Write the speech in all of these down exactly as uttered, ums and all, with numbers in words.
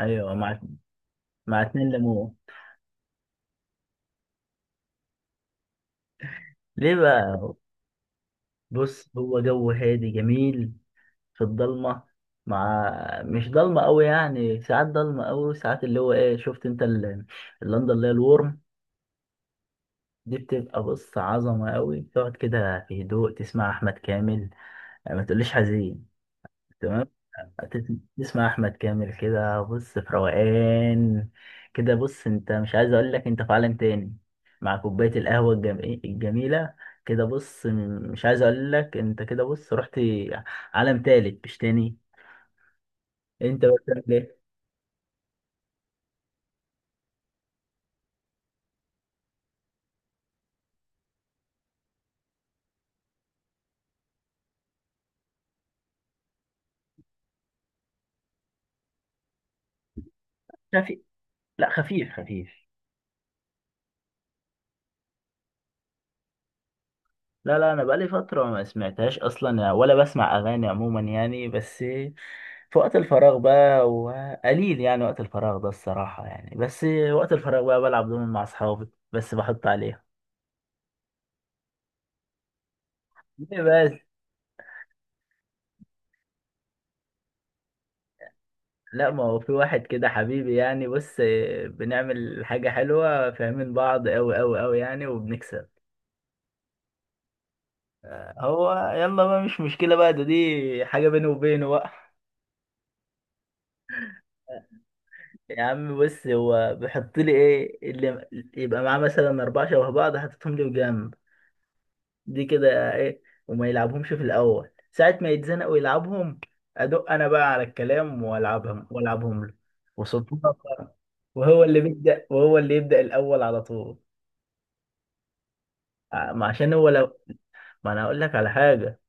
ايوه، مع مع اتنين ليمون. ليه بقى؟ بص، هو جو هادي جميل في الضلمه. مع، مش ضلمه قوي يعني، ساعات ضلمه قوي ساعات اللي هو ايه، شفت انت ال- اللندن اللي هي الورم دي؟ بتبقى بص عظمه قوي، تقعد كده في هدوء تسمع احمد كامل، ما تقوليش حزين، تمام. هتس- تسمع احمد كامل كده بص في روقان. كده بص، انت مش عايز اقول لك انت في عالم تاني، مع كوبايه القهوه الجم- الجميله. كده بص، م- مش عايز اقول لك انت كده بص رحت عالم تالت مش تاني. انت بقى بتعمل ايه؟ خفيف، لا خفيف خفيف. لا لا، انا بقالي فتره ما سمعتهاش اصلا يعني، ولا بسمع اغاني عموما يعني، بس في وقت الفراغ بقى، وقليل يعني وقت الفراغ ده الصراحه يعني، بس وقت الفراغ بقى بلعب دومين مع اصحابي، بس بحط عليها. ليه بس؟ لا، ما هو في واحد كده حبيبي يعني، بص بنعمل حاجه حلوه، فاهمين بعض قوي قوي قوي يعني، وبنكسب. هو يلا بقى، مش مشكله بقى، ده دي حاجه بيني وبينه بقى. يا عم بص، هو بيحط لي ايه اللي يبقى معاه، مثلا اربعة شبه بعض حطيتهم لي جنب دي كده ايه، وما يلعبهمش في الاول، ساعة ما يتزنق ويلعبهم، ادق انا بقى على الكلام والعبهم، والعبهم له وصدفة، وهو اللي بيبدأ، وهو اللي يبدأ الاول على طول. ع- ما عشان هو لو، ما انا اقول لك على حاجة،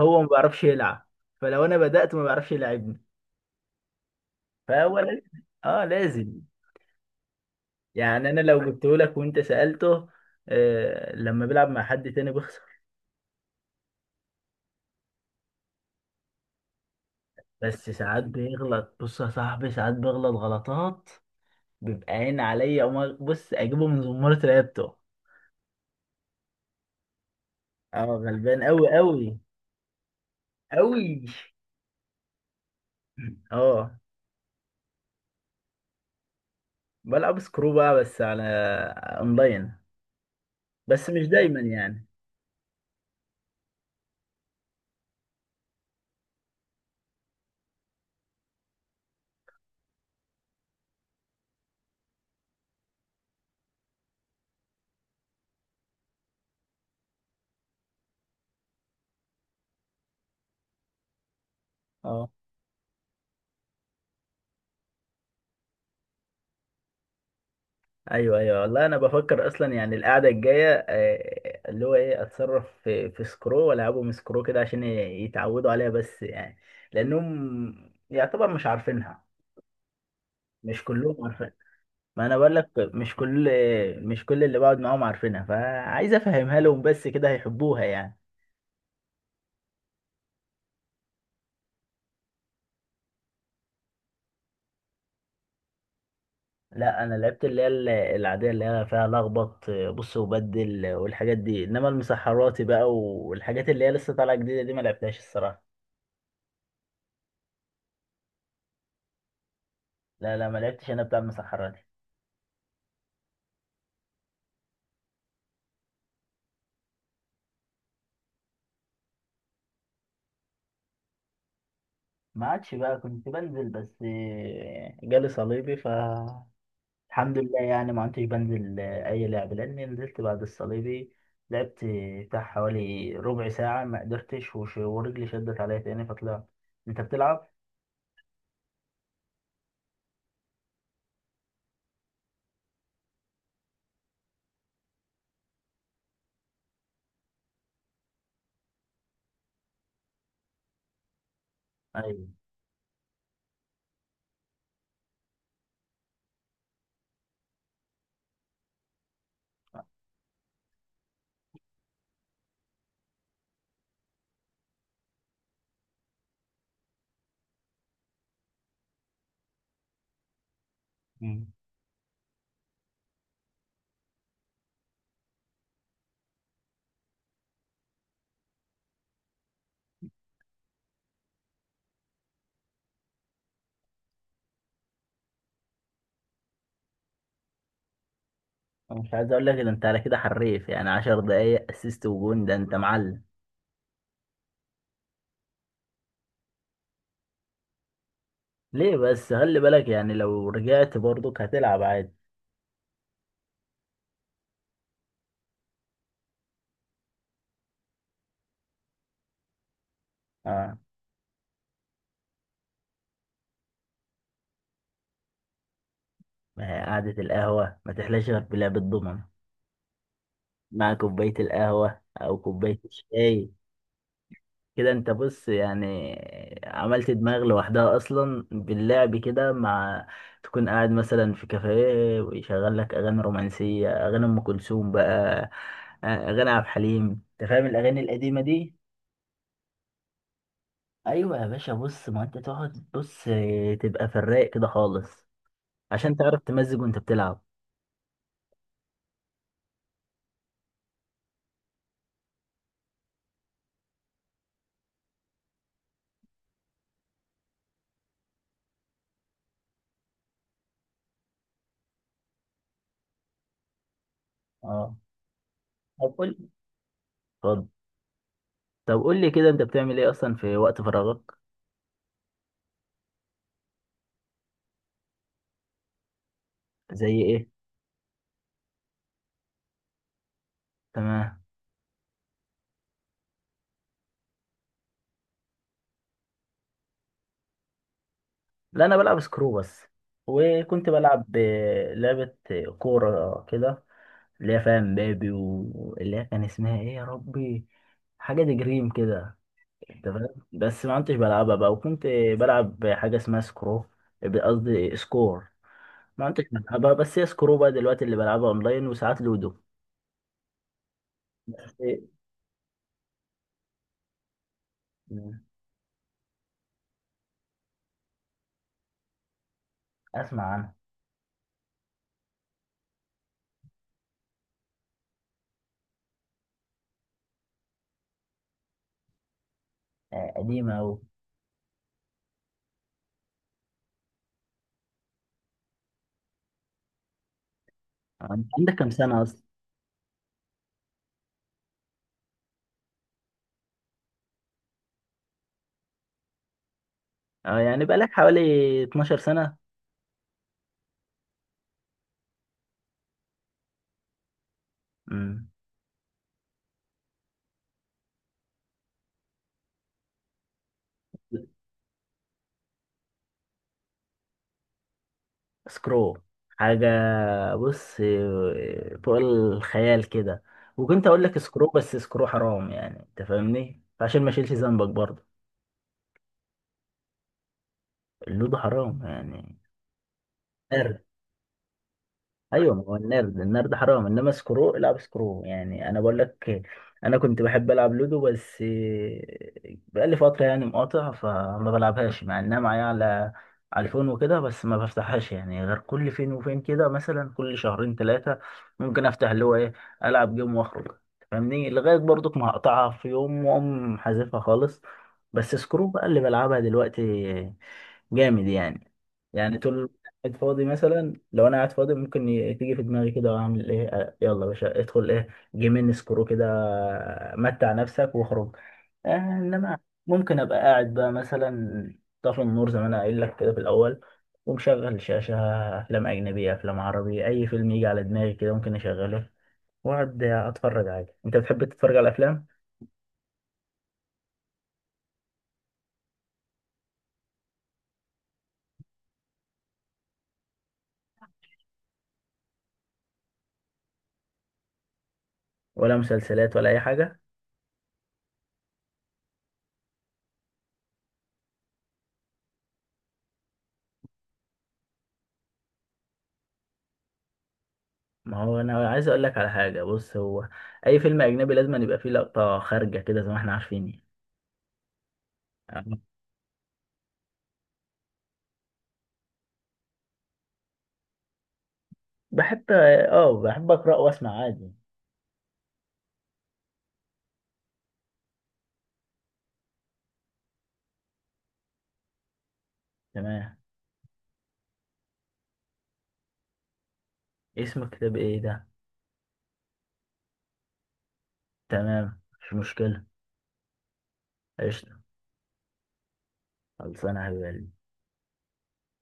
هو ما بيعرفش يلعب. فلو انا بدأت ما بيعرفش يلعبني، فهو لازم. اه لازم. يعني انا لو جبته لك وانت سألته، آه، لما بيلعب مع حد تاني بيخسر. بس ساعات بيغلط، بص يا صاحبي ساعات بيغلط غلطات، بيبقى عين عليا، أقوم أ- بص اجيبه من زمارة رقبته. اه، غلبان قوي قوي قوي. اه، بلعب سكرو بقى، بس على اونلاين، بس مش دايما يعني. اه. ايوه ايوه، والله انا بفكر اصلا يعني القعده الجايه، آه، اللي هو ايه، اتصرف في في سكرو والعبهم سكرو كده عشان ي- يتعودوا عليها، بس يعني لانهم يعتبر مش عارفينها. مش كلهم عارفين، ما انا بقول لك مش كل مش كل اللي بقعد معاهم عارفينها، فعايز افهمها لهم بس، كده هيحبوها يعني. لا، انا لعبت اللي هي ال- العاديه اللي هي فيها لخبط، آه، بص، وبدل، آه، والحاجات دي، انما المسحراتي بقى والحاجات اللي هي لسه طالعه جديده دي ما لعبتهاش الصراحه. لا لا، ما لعبتش انا بتاع المسحرات. ما عادش بقى، كنت بنزل بس آه، جالي صليبي، فالحمد لله يعني، ما كنتش بنزل آه، اي لعب، لاني نزلت بعد الصليبي، لعبت بتاع حوالي ربع ساعة ما قدرتش، وش- ورجلي شدت عليا تاني فطلعت. انت بتلعب؟ ايوه. مم. أنا مش عايز اقول لك ده، انت على كده حريف يعني، عشر دقايق اسيست وجون، ده انت معلم. ليه بس؟ خلي بالك يعني، لو رجعت برضك هتلعب عادي. اه. ما هي قعدة القهوة ما تحلاش غير بلعب الضمن، مع كوباية القهوة أو كوباية الشاي. كده أنت بص يعني، عملت دماغ لوحدها أصلا باللعب كده، مع تكون قاعد مثلا في كافيه، ويشغل لك أغاني رومانسية، أغاني أم كلثوم بقى، آه، أغاني عبد الحليم، أنت فاهم الأغاني القديمة دي؟ أيوة يا باشا، بص ما أنت تقعد، بص تبقى في الرايق كده خالص، عشان تعرف تمزج وأنت بتلعب. أه. طب قول، اتفضل. طب قول لي كده، أنت بتعمل إيه أصلا في وقت فراغك؟ زي إيه؟ تمام. لا، انا بلعب سكرو بس، وكنت بلعب ب- لعبة كورة كده، اللي هي فاهم بابي، واللي هي كان اسمها ايه يا ربي، حاجة دي جريم كده، انت فاهم، بس ما كنتش بلعبها بقى، وكنت بلعب حاجة اسمها سكرو، قصدي سكور، ما كنتش بلعبها، بس هي سكرو بقى دلوقتي اللي بلعبها اونلاين، وساعات لودو. مم. اسمع عنها. آه، قديمة اوي. آه، انت عندك كام سنة اصلا؟ اه، يعني بقالك حوالي اتناشر سنة. امم. سكرو، حاجة بص فوق الخيال كده، وكنت اقول لك سكرو بس سكرو حرام يعني، انت فاهمني، فعشان ما اشيلش ذنبك برضه. اللودو حرام يعني. أرد. ايوه، ما هو النرد، النرد حرام، انما سكرو، العب سكرو يعني، انا بقول لك. انا كنت بحب العب لودو، بس بقالي فتره يعني مقاطع فما بلعبهاش، مع انها معايا على على الفون وكده، بس ما بفتحهاش يعني غير كل فين وفين كده، مثلا كل شهرين ثلاثه ممكن افتح اللي هو ايه، العب جيم واخرج، فاهمني، لغايه برضك ما هقطعها في يوم واقوم حذفها خالص. بس سكرو بقى اللي بلعبها دلوقتي، جامد يعني. يعني طول قاعد فاضي، مثلا لو انا قاعد فاضي، ممكن ي- تيجي في دماغي كده اعمل ايه، آه، يلا يا باشا ادخل ايه، جيمين سكرو كده، آه، متع نفسك واخرج. آه، انما ممكن ابقى قاعد بقى مثلا، طافي النور زي ما انا قايل لك كده في الاول، ومشغل شاشة، افلام اجنبية، افلام عربي، اي فيلم يجي على دماغي كده ممكن اشغله، واقعد اتفرج عادي. انت بتحب تتفرج على افلام ولا مسلسلات ولا اي حاجة؟ ما هو انا عايز اقول لك على حاجة، بص هو اي فيلم اجنبي لازم يبقى فيه لقطة خارجة كده زي ما احنا عارفين. بحب، اه بحب اقرا واسمع عادي. تمام. اسم الكتاب ايه ده؟ تمام، مش مشكله. قشطه. خلصانه يا حبيبي.